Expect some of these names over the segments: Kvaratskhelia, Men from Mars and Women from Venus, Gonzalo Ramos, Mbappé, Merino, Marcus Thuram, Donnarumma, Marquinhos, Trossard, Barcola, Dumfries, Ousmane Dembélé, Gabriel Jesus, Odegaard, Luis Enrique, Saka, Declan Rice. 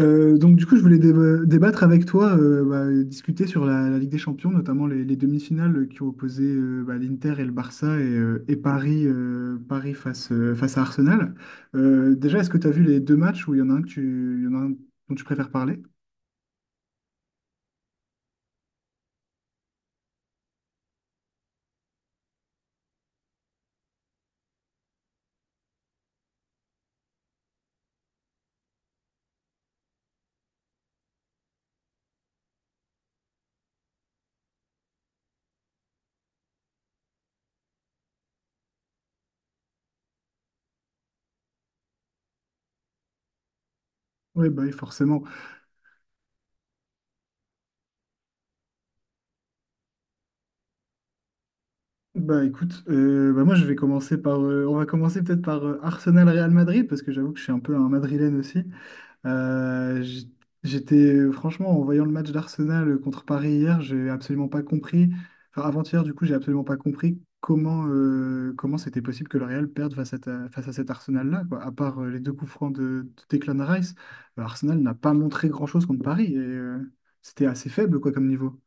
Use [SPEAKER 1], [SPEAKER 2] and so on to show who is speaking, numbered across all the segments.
[SPEAKER 1] Donc du coup, je voulais débattre avec toi, bah, et discuter sur la Ligue des Champions, notamment les demi-finales qui ont opposé bah, l'Inter et le Barça et Paris, Paris face à Arsenal. Déjà, est-ce que tu as vu les deux matchs où il y en a un il y en a un dont tu préfères parler? Oui, bah, oui, forcément. Bah écoute, bah, moi je vais commencer par, on va commencer peut-être par Arsenal-Real Madrid parce que j'avoue que je suis un peu un Madrilène aussi. Euh, j- J'étais, franchement, en voyant le match d'Arsenal contre Paris hier, j'ai absolument pas compris, enfin avant-hier, du coup, j'ai absolument pas compris comment c'était possible que le Real perde face à cet Arsenal-là, quoi. À part les deux coups francs de Declan Rice, Arsenal n'a pas montré grand-chose contre Paris et c'était assez faible, quoi, comme niveau.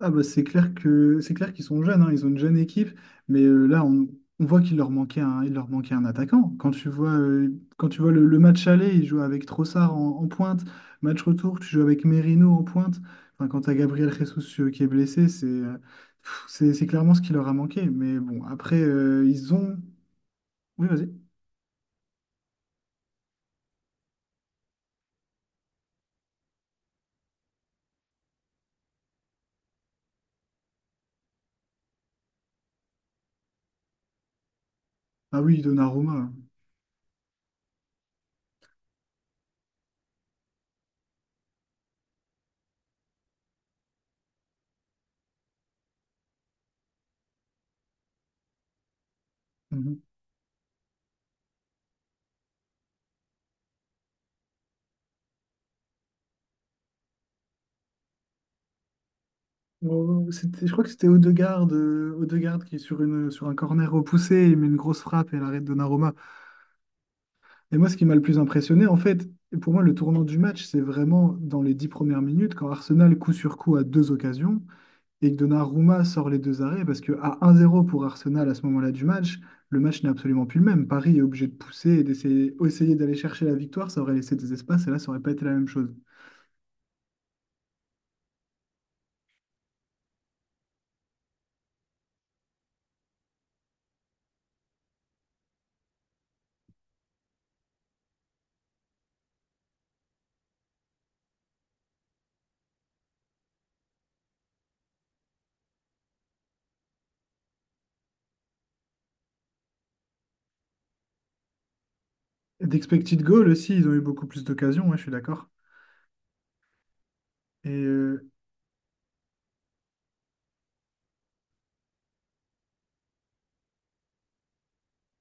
[SPEAKER 1] Ah bah c'est clair que c'est clair qu'ils sont jeunes, hein, ils ont une jeune équipe, mais là on voit qu'il leur manquait un attaquant. Quand tu vois le match aller, ils jouent avec Trossard en pointe, match retour, tu joues avec Merino en pointe. Enfin, quand tu as Gabriel Jesus qui est blessé, c'est pff, c'est clairement ce qui leur a manqué. Mais bon, après ils ont. Oui, vas-y. Ah oui, Donnarumma. Mhm. Oh, je crois que c'était Odegaard qui est sur un corner repoussé, il met une grosse frappe et l'arrêt de Donnarumma. Et moi, ce qui m'a le plus impressionné, en fait, et pour moi, le tournant du match, c'est vraiment dans les 10 premières minutes, quand Arsenal, coup sur coup, a deux occasions, et que Donnarumma sort les deux arrêts, parce que à 1-0 pour Arsenal à ce moment-là du match, le match n'est absolument plus le même. Paris est obligé de pousser et d'essayer essayer d'aller chercher la victoire, ça aurait laissé des espaces, et là, ça aurait pas été la même chose. Et d'expected goal aussi, ils ont eu beaucoup plus d'occasions, ouais, je suis d'accord. Et, euh,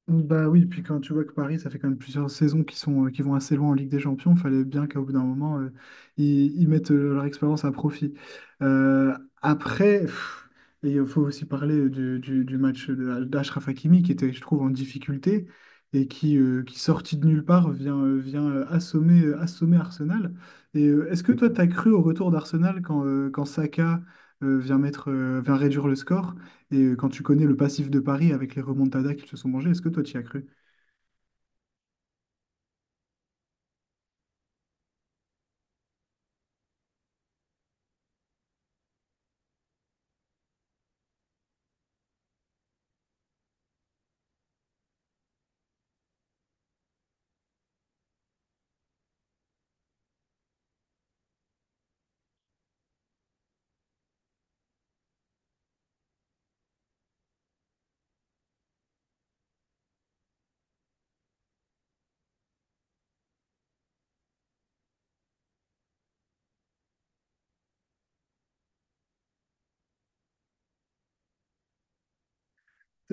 [SPEAKER 1] Bah oui, puis quand tu vois que Paris, ça fait quand même plusieurs saisons qui vont assez loin en Ligue des Champions, fallait bien qu'au bout d'un moment, ils mettent leur expérience à profit. Euh, après, pff, et il faut aussi parler du match d'Achraf Hakimi, qui était, je trouve, en difficulté qui sorti de nulle part, vient assommer Arsenal. Et est-ce que toi, tu as cru au retour d'Arsenal quand Saka vient réduire le score? Et quand tu connais le passif de Paris avec les remontadas qu'ils se sont mangés, est-ce que toi, tu y as cru?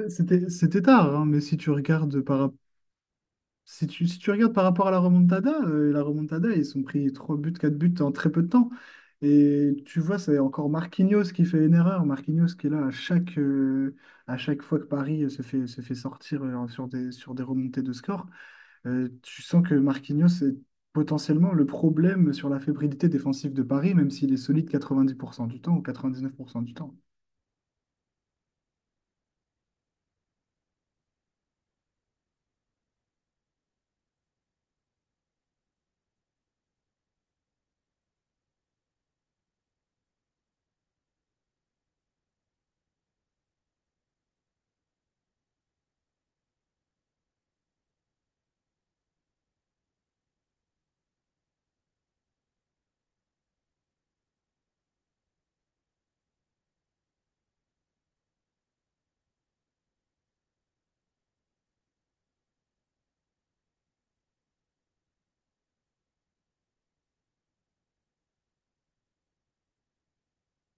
[SPEAKER 1] C'était tard, hein, mais si tu regardes par, rap- si tu regardes par rapport à la remontada, ils ont pris 3 buts, 4 buts en très peu de temps. Et tu vois, c'est encore Marquinhos qui fait une erreur. Marquinhos qui est là à chaque fois que Paris se fait sortir sur des remontées de score. Tu sens que Marquinhos est potentiellement le problème sur la fébrilité défensive de Paris, même s'il est solide 90% du temps ou 99% du temps.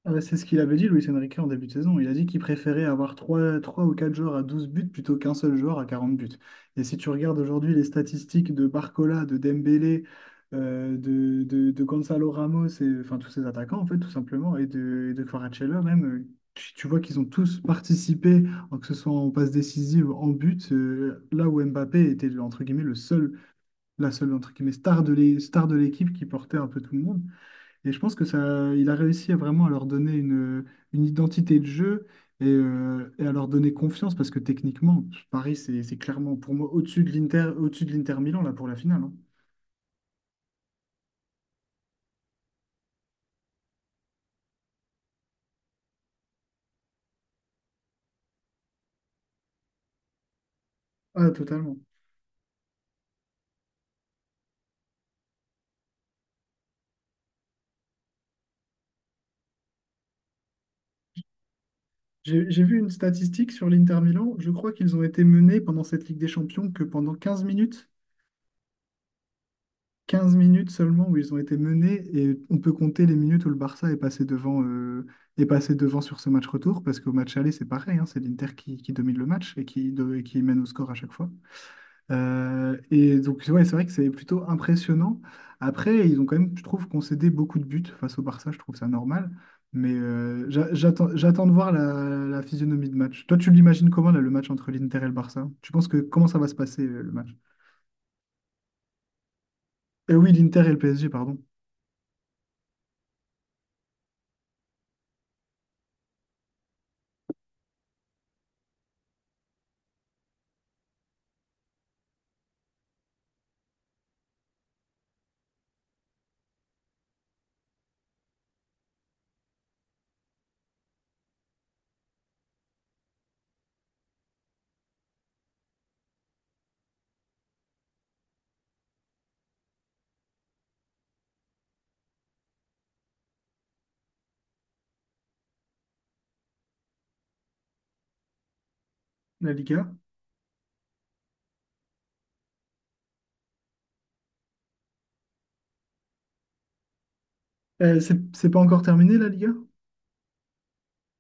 [SPEAKER 1] C'est ce qu'il avait dit, Luis Enrique, en début de saison. Il a dit qu'il préférait avoir trois ou 4 joueurs à 12 buts plutôt qu'un seul joueur à 40 buts. Et si tu regardes aujourd'hui les statistiques de Barcola, de Dembélé, de Gonzalo Ramos, enfin tous ces attaquants, en fait, tout simplement, et de Kvaratskhelia même, tu vois qu'ils ont tous participé, que ce soit en passe décisive, en but, là où Mbappé était, entre guillemets, le seul, la seule, entre guillemets, star de l'équipe qui portait un peu tout le monde. Et je pense que ça, il a réussi à vraiment à leur donner une identité de jeu et à leur donner confiance parce que techniquement, Paris, c'est clairement pour moi au-dessus de l'Inter Milan là pour la finale, hein. Ah, totalement. J'ai vu une statistique sur l'Inter Milan. Je crois qu'ils ont été menés pendant cette Ligue des Champions que pendant 15 minutes. 15 minutes seulement où ils ont été menés et on peut compter les minutes où le Barça est passé devant sur ce match retour parce qu'au match aller, c'est pareil, hein, c'est l'Inter qui domine le match et qui mène au score à chaque fois. Et donc, ouais, c'est vrai que c'est plutôt impressionnant. Après, ils ont quand même, je trouve, concédé beaucoup de buts face au Barça, je trouve ça normal. Mais j'attends de voir la physionomie de match. Toi, tu l'imagines comment, là, le match entre l'Inter et le Barça? Tu penses que comment ça va se passer, le match? Oui, l'Inter et le PSG, pardon. La Liga. C'est pas encore terminé, la Liga?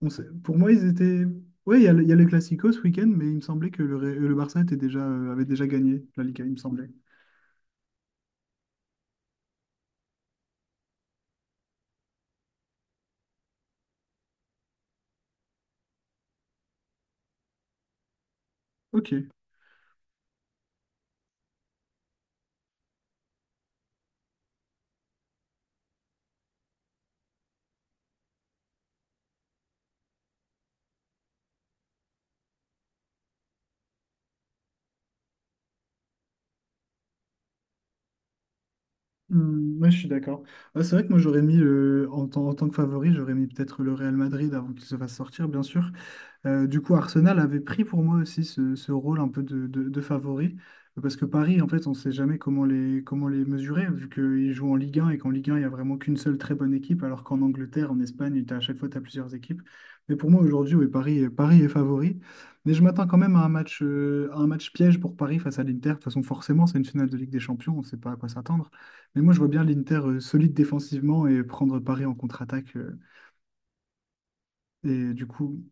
[SPEAKER 1] Pour moi, ils étaient. Oui, il y a le Classico ce week-end, mais il me semblait que le Barça avait déjà gagné la Liga, il me semblait. Ok. Hmm, ouais, je suis d'accord. Ouais, c'est vrai que moi en tant que favori, j'aurais mis peut-être le Real Madrid avant qu'il se fasse sortir, bien sûr. Du coup, Arsenal avait pris pour moi aussi ce rôle un peu de favori, parce que Paris, en fait, on ne sait jamais comment les mesurer, vu qu'ils jouent en Ligue 1 et qu'en Ligue 1, il n'y a vraiment qu'une seule très bonne équipe, alors qu'en Angleterre, en Espagne, à chaque fois, tu as plusieurs équipes. Mais pour moi, aujourd'hui, oui, Paris, Paris est favori. Mais je m'attends quand même à un match piège pour Paris face à l'Inter. De toute façon, forcément, c'est une finale de Ligue des Champions, on ne sait pas à quoi s'attendre. Mais moi, je vois bien l'Inter, solide défensivement et prendre Paris en contre-attaque, et du coup,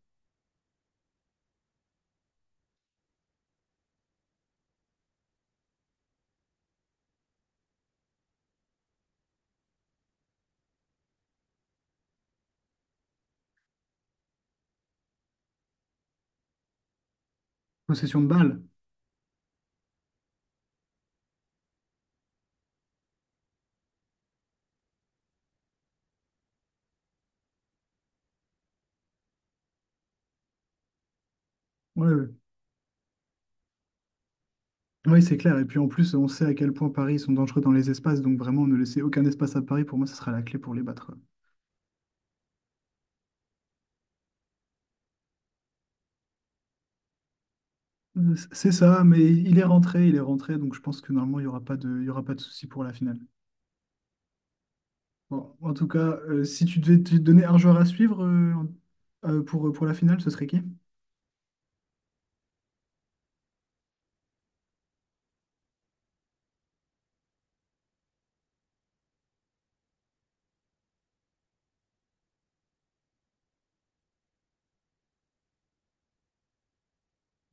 [SPEAKER 1] possession de balle. Ouais, ouais. Oui, c'est clair. Et puis en plus, on sait à quel point Paris sont dangereux dans les espaces. Donc vraiment, ne laisser aucun espace à Paris, pour moi, ce sera la clé pour les battre. C'est ça, mais il est rentré, il est rentré. Donc je pense que normalement, il y aura pas de souci pour la finale. Bon, en tout cas, si tu devais te donner un joueur à suivre pour la finale, ce serait qui?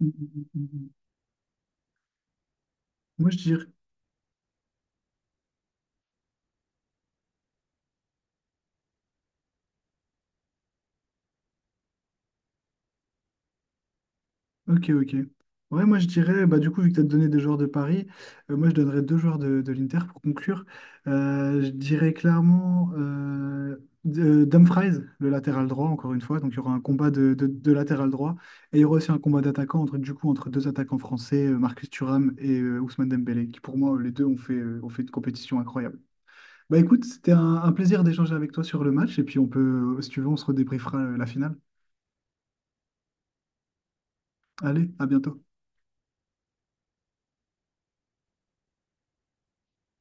[SPEAKER 1] Mm, mm, mm, mm. Moi, je dirais Ok, ok. Ouais, moi je dirais, bah, du coup, vu que tu as donné des joueurs de Paris, moi je donnerais deux joueurs de l'Inter pour conclure. Je dirais clairement Dumfries, le latéral droit, encore une fois. Donc il y aura un combat de latéral droit et il y aura aussi un combat d'attaquants entre deux attaquants français, Marcus Thuram et Ousmane Dembélé, qui pour moi, les deux ont fait une compétition incroyable. Bah écoute, c'était un plaisir d'échanger avec toi sur le match et puis si tu veux, on se redébriefera la finale. Allez, à bientôt.